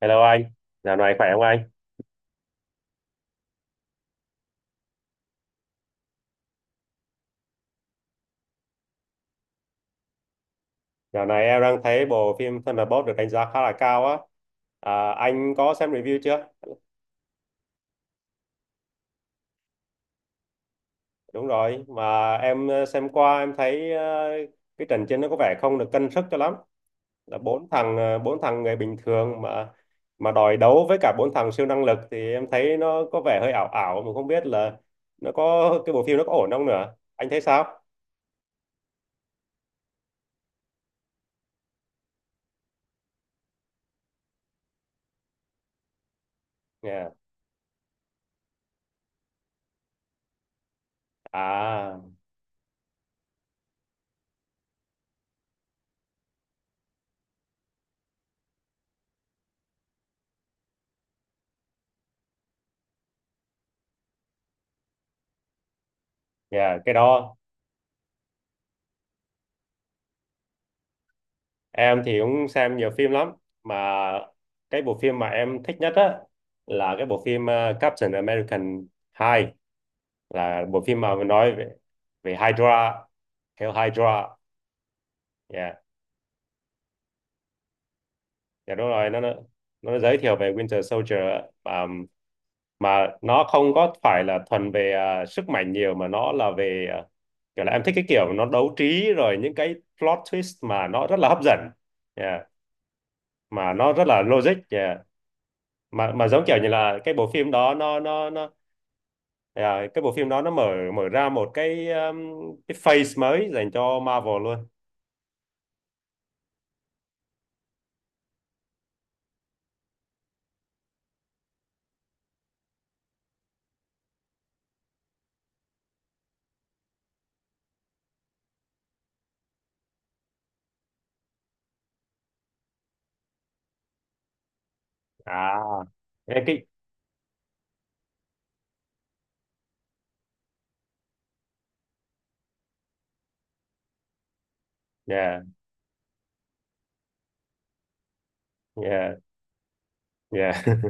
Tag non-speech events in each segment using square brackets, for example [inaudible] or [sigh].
Hello anh, dạo này khỏe không anh? Dạo này em đang thấy bộ phim Thunderbolt được đánh giá khá là cao á. À, anh có xem review chưa? Đúng rồi, mà em xem qua em thấy cái trận chiến nó có vẻ không được cân sức cho lắm. Là bốn thằng bốn thằng người bình thường mà đòi đấu với cả bốn thằng siêu năng lực thì em thấy nó có vẻ hơi ảo ảo mà không biết là nó có cái bộ phim nó có ổn không nữa. Anh thấy sao? Yeah. À, yeah, cái đó em thì cũng xem nhiều phim lắm mà cái bộ phim mà em thích nhất á là cái bộ phim Captain American 2 là bộ phim mà nói về về Hydra, Hell Hydra, yeah. Dạ đúng rồi, nó nó giới thiệu về Winter Soldier á. Mà nó không có phải là thuần về sức mạnh nhiều mà nó là về kiểu là em thích cái kiểu nó đấu trí rồi những cái plot twist mà nó rất là hấp dẫn, yeah. Mà nó rất là logic, yeah. Mà giống kiểu như là cái bộ phim đó nó à, cái bộ phim đó nó mở mở ra một cái phase mới dành cho Marvel luôn. À, cái cái- yeah, yeah, yeah. [laughs]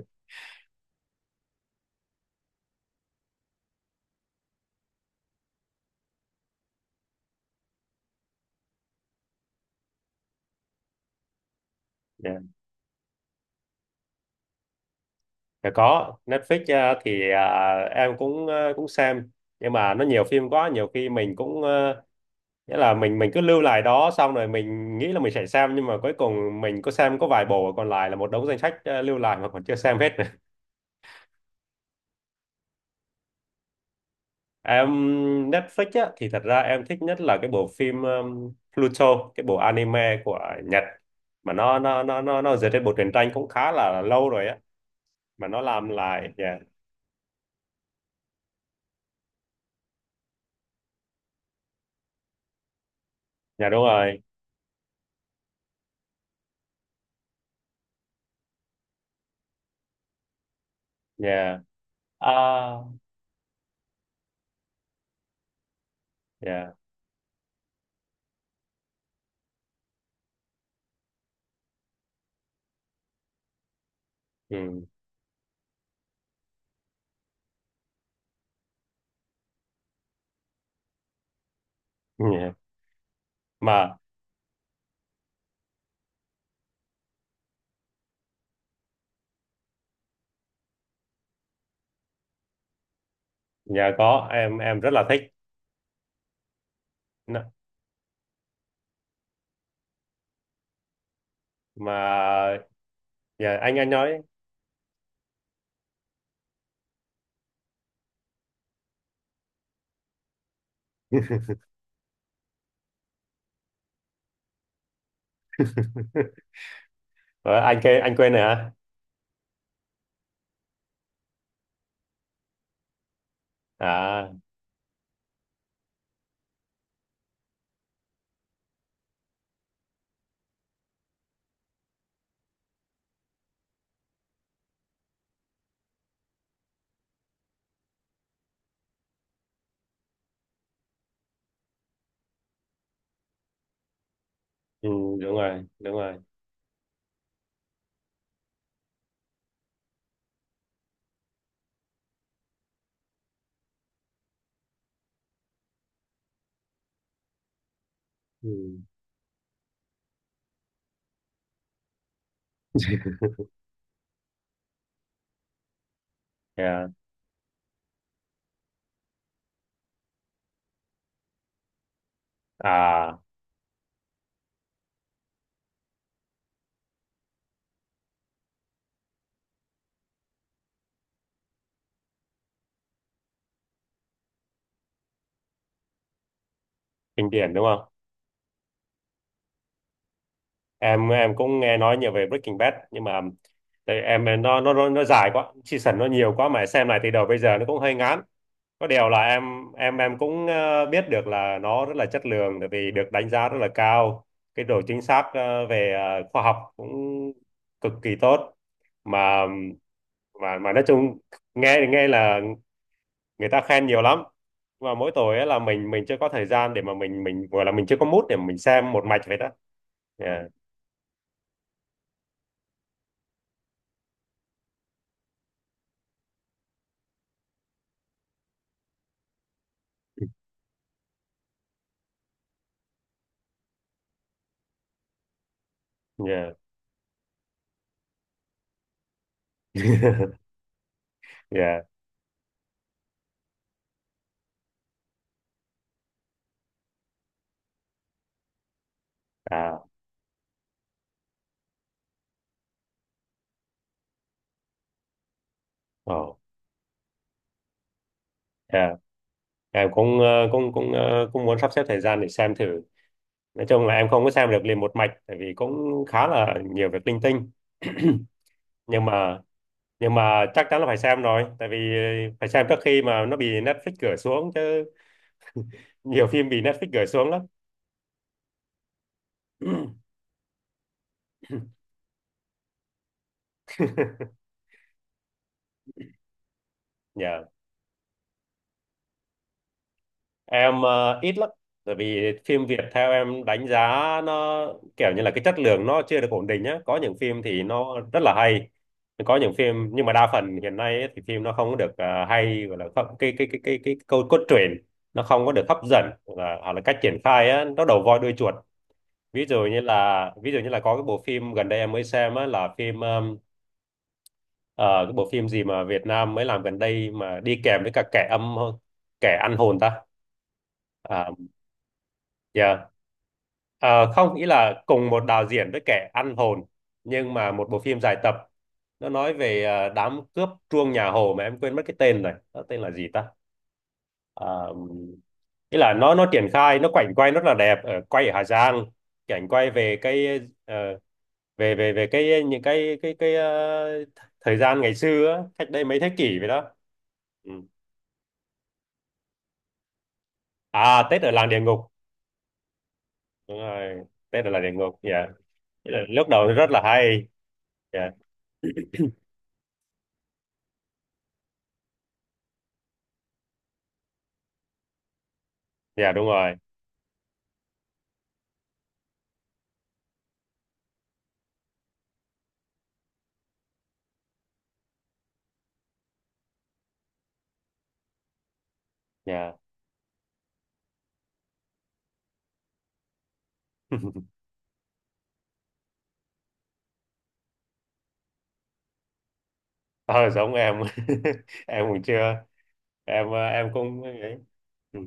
Yeah. Dạ, có Netflix. À, em cũng cũng xem nhưng mà nó nhiều phim quá, nhiều khi mình cũng nghĩa là mình cứ lưu lại đó xong rồi mình nghĩ là mình sẽ xem nhưng mà cuối cùng mình có xem có vài bộ, còn lại là một đống danh sách lưu lại mà còn chưa xem hết. Em Netflix á, thì thật ra em thích nhất là cái bộ phim Pluto, cái bộ anime của Nhật mà nó dựa trên bộ truyện tranh cũng khá là lâu rồi á mà nó làm lại, yeah. Dạ đúng rồi. Yeah. À, yeah. Ừ. Yeah. Mà dạ có, em rất là thích. Nó- Mà dạ anh nói. [laughs] Ờ, anh quên rồi hả? À, ừ, đúng rồi, đúng rồi. Ừ. Yeah. À, kinh điển đúng không? Em cũng nghe nói nhiều về Breaking Bad nhưng mà tại em nó dài quá, season nó nhiều quá mà xem lại từ đầu bây giờ nó cũng hơi ngán. Có điều là em cũng biết được là nó rất là chất lượng tại vì được đánh giá rất là cao, cái độ chính xác về khoa học cũng cực kỳ tốt. Mà mà mà nói chung, nghe thì nghe là người ta khen nhiều lắm, mà mỗi tội ấy là mình chưa có thời gian để mà mình gọi là mình chưa có mood để mình xem một mạch vậy đó. Yeah, yeah. [laughs] Yeah. À, ồ, à, em cũng cũng cũng cũng muốn sắp xếp thời gian để xem thử. Nói chung là em không có xem được liền một mạch, tại vì cũng khá là nhiều việc linh tinh. [clears throat] Nhưng mà nhưng mà chắc chắn là phải xem rồi, tại vì phải xem trước khi mà nó bị Netflix gửi xuống chứ, nhiều phim bị Netflix gửi xuống lắm. [clears throat] Dạ. Em ít lắm, bởi vì phim Việt theo em đánh giá nó kiểu như là cái chất lượng nó chưa được ổn định nhá, có những phim thì nó rất là hay, có những phim nhưng mà đa phần hiện nay ấy, thì phim nó không có được hay gọi là không- cái câu cốt truyện nó không có được hấp dẫn, hoặc là cách triển khai á, nó đầu voi đuôi chuột. Ví dụ như là có cái bộ phim gần đây em mới xem á, là phim ờ, cái bộ phim gì mà Việt Nam mới làm gần đây mà đi kèm với cả kẻ âm, kẻ ăn hồn ta. À, yeah. Ờ, không nghĩ là cùng một đạo diễn với kẻ ăn hồn, nhưng mà một bộ phim dài tập nó nói về đám cướp truông nhà Hồ mà em quên mất cái tên rồi, nó tên là gì ta. Ờ, ý là nó triển khai nó quảnh quay rất là đẹp, ở quay ở Hà Giang, cảnh quay về cái ờ, về về về cái những cái thời gian ngày xưa á, cách đây mấy thế kỷ vậy đó. Ừ. À, Tết ở làng địa ngục. Đúng rồi, Tết ở làng địa ngục, dạ. Nghĩa là lúc đầu nó rất là hay. Dạ. Dạ đúng rồi. Dạ. [laughs] Ờ giống em. [laughs] Em cũng chưa, em em cũng ấy. Ừ.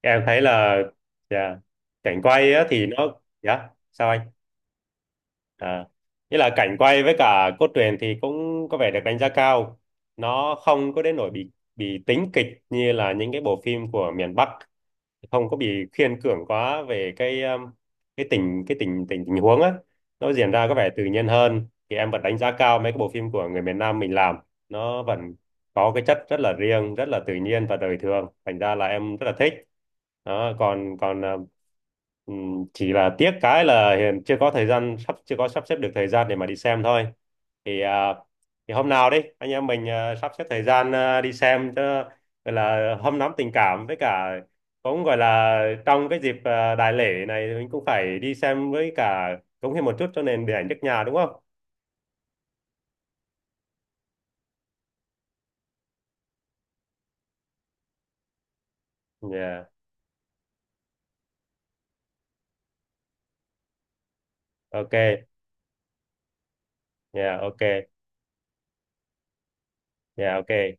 Em thấy là dạ cảnh quay á thì nó, dạ sao anh? À, nghĩa là cảnh quay với cả cốt truyện thì cũng có vẻ được đánh giá cao. Nó không có đến nỗi bị tính kịch như là những cái bộ phim của miền Bắc, không có bị khiên cưỡng quá về cái tình tình tình huống á. Nó diễn ra có vẻ tự nhiên hơn. Thì em vẫn đánh giá cao mấy cái bộ phim của người miền Nam mình làm. Nó vẫn có cái chất rất là riêng, rất là tự nhiên và đời thường. Thành ra là em rất là thích. Đó, còn còn à, ừ, chỉ là tiếc cái là hiện chưa có thời gian sắp chưa có sắp xếp được thời gian để mà đi xem thôi, thì à, thì hôm nào đi anh em mình sắp xếp thời gian đi xem cho, gọi là hâm nóng tình cảm với cả, cũng gọi là, trong cái dịp đại lễ này thì mình cũng phải đi xem với cả cống hiến một chút cho nền điện ảnh nước nhà đúng không? Yeah. Ok. Yeah, ok. Yeah, ok.